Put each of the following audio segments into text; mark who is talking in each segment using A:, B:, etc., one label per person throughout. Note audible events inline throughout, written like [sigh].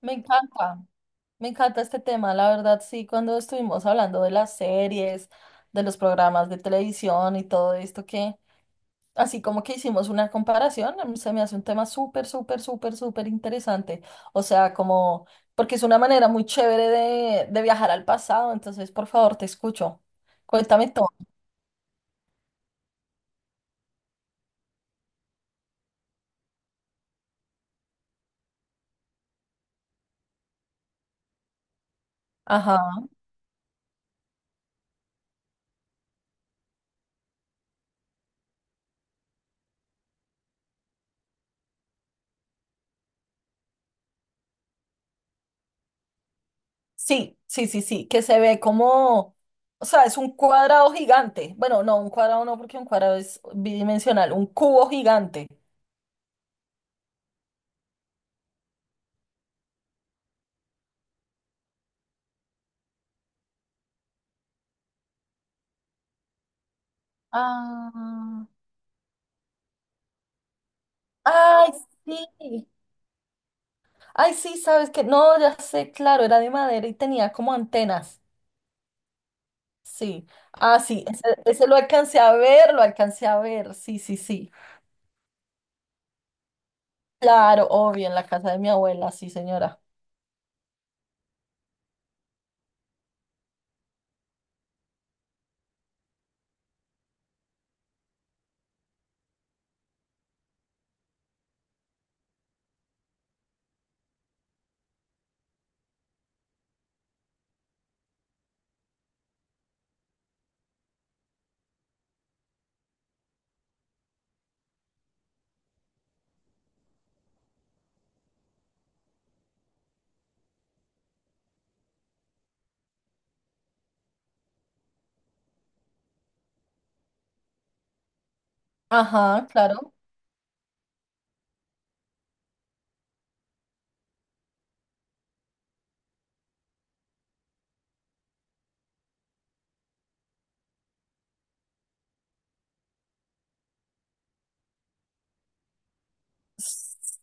A: Me encanta, me encanta este tema, la verdad sí, cuando estuvimos hablando de las series, de los programas de televisión y todo esto así como que hicimos una comparación, a mí se me hace un tema súper interesante, o sea, como, porque es una manera muy chévere de viajar al pasado, entonces por favor te escucho, cuéntame todo. Ajá. Sí, que se ve como, o sea, es un cuadrado gigante. Bueno, no, un cuadrado no, porque un cuadrado es bidimensional, un cubo gigante. Ah, ay, sí. Ay, sí, sabes que, no, ya sé, claro, era de madera y tenía como antenas. Sí. Ah, sí, ese lo alcancé a ver, lo alcancé a ver. Sí. Claro, obvio, en la casa de mi abuela, sí, señora. Ajá, claro.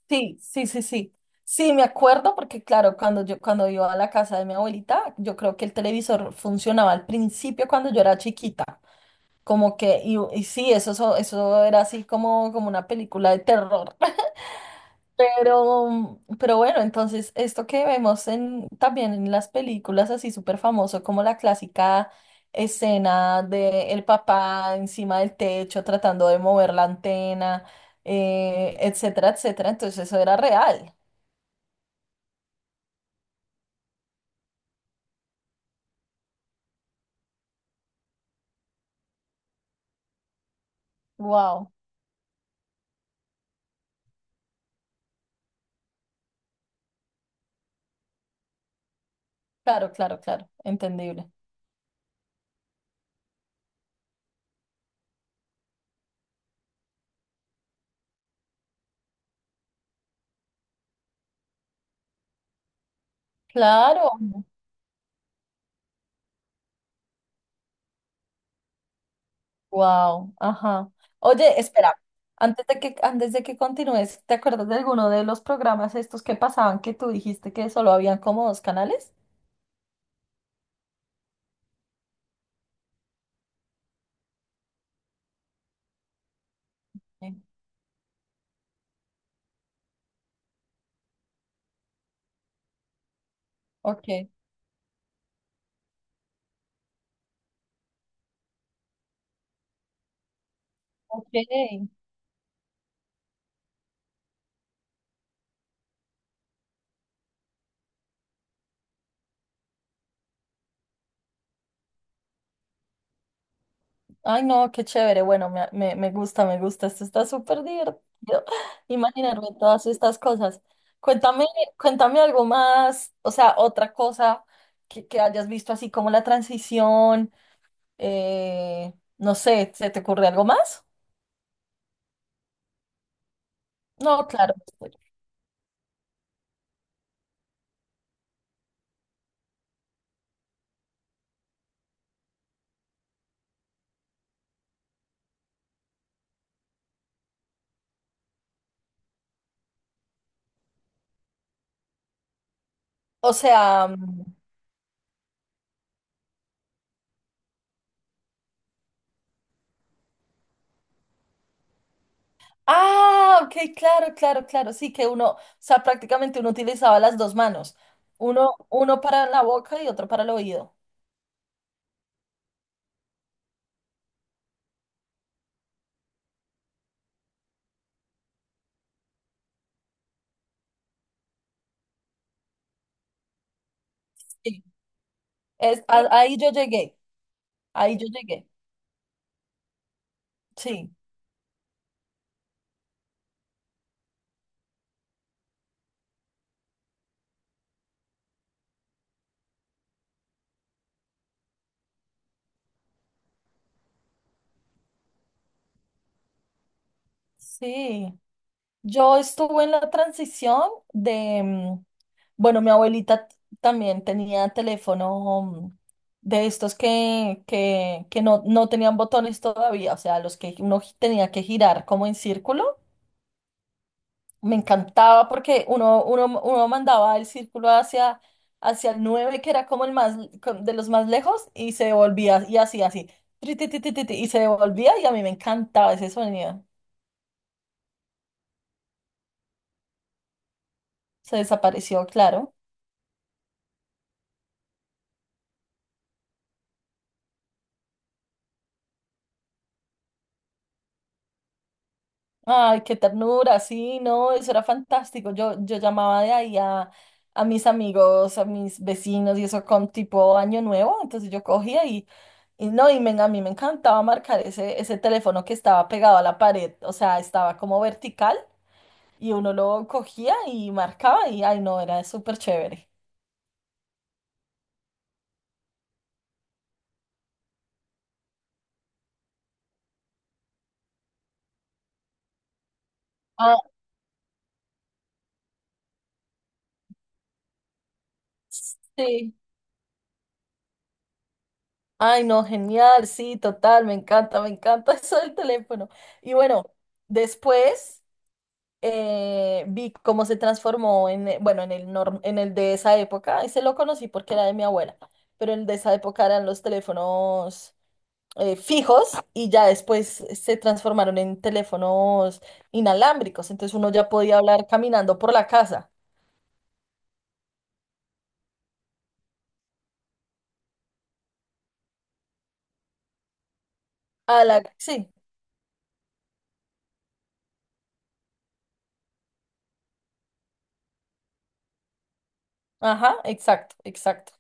A: Sí. Sí, me acuerdo porque claro, cuando iba a la casa de mi abuelita, yo creo que el televisor funcionaba al principio cuando yo era chiquita, como sí, eso era así como una película de terror. Pero bueno, entonces esto que vemos en, también en las películas así súper famoso, como la clásica escena de el papá encima del techo tratando de mover la antena, etcétera, etcétera. Entonces eso era real. Wow. Claro. Entendible. Claro. Wow. Ajá. Oye, espera. Antes de que continúes, ¿te acuerdas de alguno de los programas estos que pasaban que tú dijiste que solo habían como dos canales? Ok, ok. Ay, no, qué chévere. Bueno, me gusta, me gusta. Esto está súper divertido. [laughs] Imaginarme todas estas cosas. Cuéntame, cuéntame algo más, o sea, otra cosa que hayas visto así como la transición. eh, no sé, ¿se te ocurre algo más? No, claro. O sea, ah, ok, claro. Sí, que uno, o sea, prácticamente uno utilizaba las dos manos. Uno, para la boca y otro para el oído. Sí. Es, ahí yo llegué, ahí yo llegué. Sí, sí. Yo estuve en la transición de, mm, bueno, mi abuelita t- también tenía teléfono, de estos que no tenían botones todavía, o sea, los que uno gi- tenía que girar como en círculo. Me encantaba porque uno mandaba el círculo hacia el 9 que era como el más con- de los más lejos, y se devolvía, y así, así, tri, ti, ti, ti, ti, ti, y se devolvía, y a mí me encantaba ese sonido. Se desapareció, claro. Ay, qué ternura, sí, no, eso era fantástico. Yo llamaba de ahí a mis amigos, a mis vecinos, y eso con tipo año nuevo, entonces yo cogía y no, a mí me encantaba marcar ese teléfono que estaba pegado a la pared, o sea, estaba como vertical. Y uno lo cogía y marcaba y, ay, no, era súper chévere. Ah, sí. Ay, no, genial, sí, total, me encanta [laughs] eso del teléfono. Y bueno, después vi cómo se transformó en, bueno, en el norm- en el de esa época, ese lo conocí porque era de mi abuela, pero el de esa época eran los teléfonos fijos y ya después se transformaron en teléfonos inalámbricos, entonces uno ya podía hablar caminando por la casa. A la, sí. Ajá, exacto, exacto.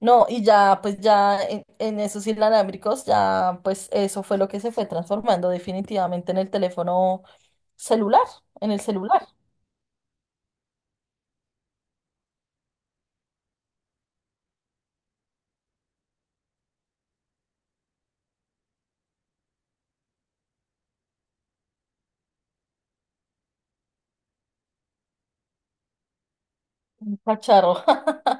A: No, y ya, pues ya en esos inalámbricos, ya, pues eso fue lo que se fue transformando definitivamente en el teléfono celular, en el celular, un cacharro. [laughs]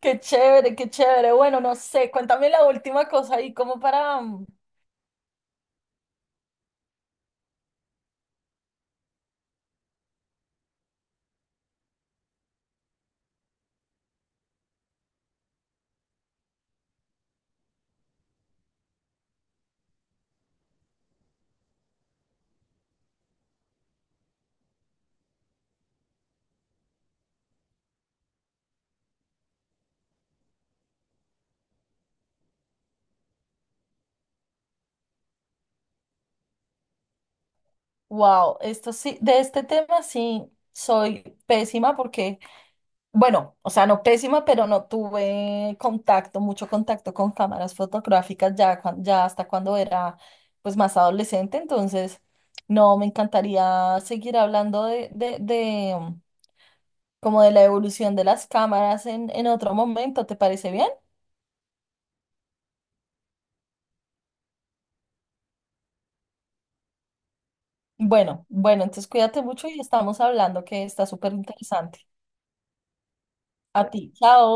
A: Qué chévere, qué chévere. Bueno, no sé, cuéntame la última cosa ahí, como para, wow, esto sí, de este tema sí soy pésima porque bueno, o sea, no pésima, pero no tuve contacto, mucho contacto con cámaras fotográficas ya, cuan- ya hasta cuando era pues más adolescente, entonces no me encantaría seguir hablando de como de la evolución de las cámaras en otro momento, ¿te parece bien? Bueno, bueno, entonces cuídate mucho y estamos hablando que está súper interesante. A ti, chao.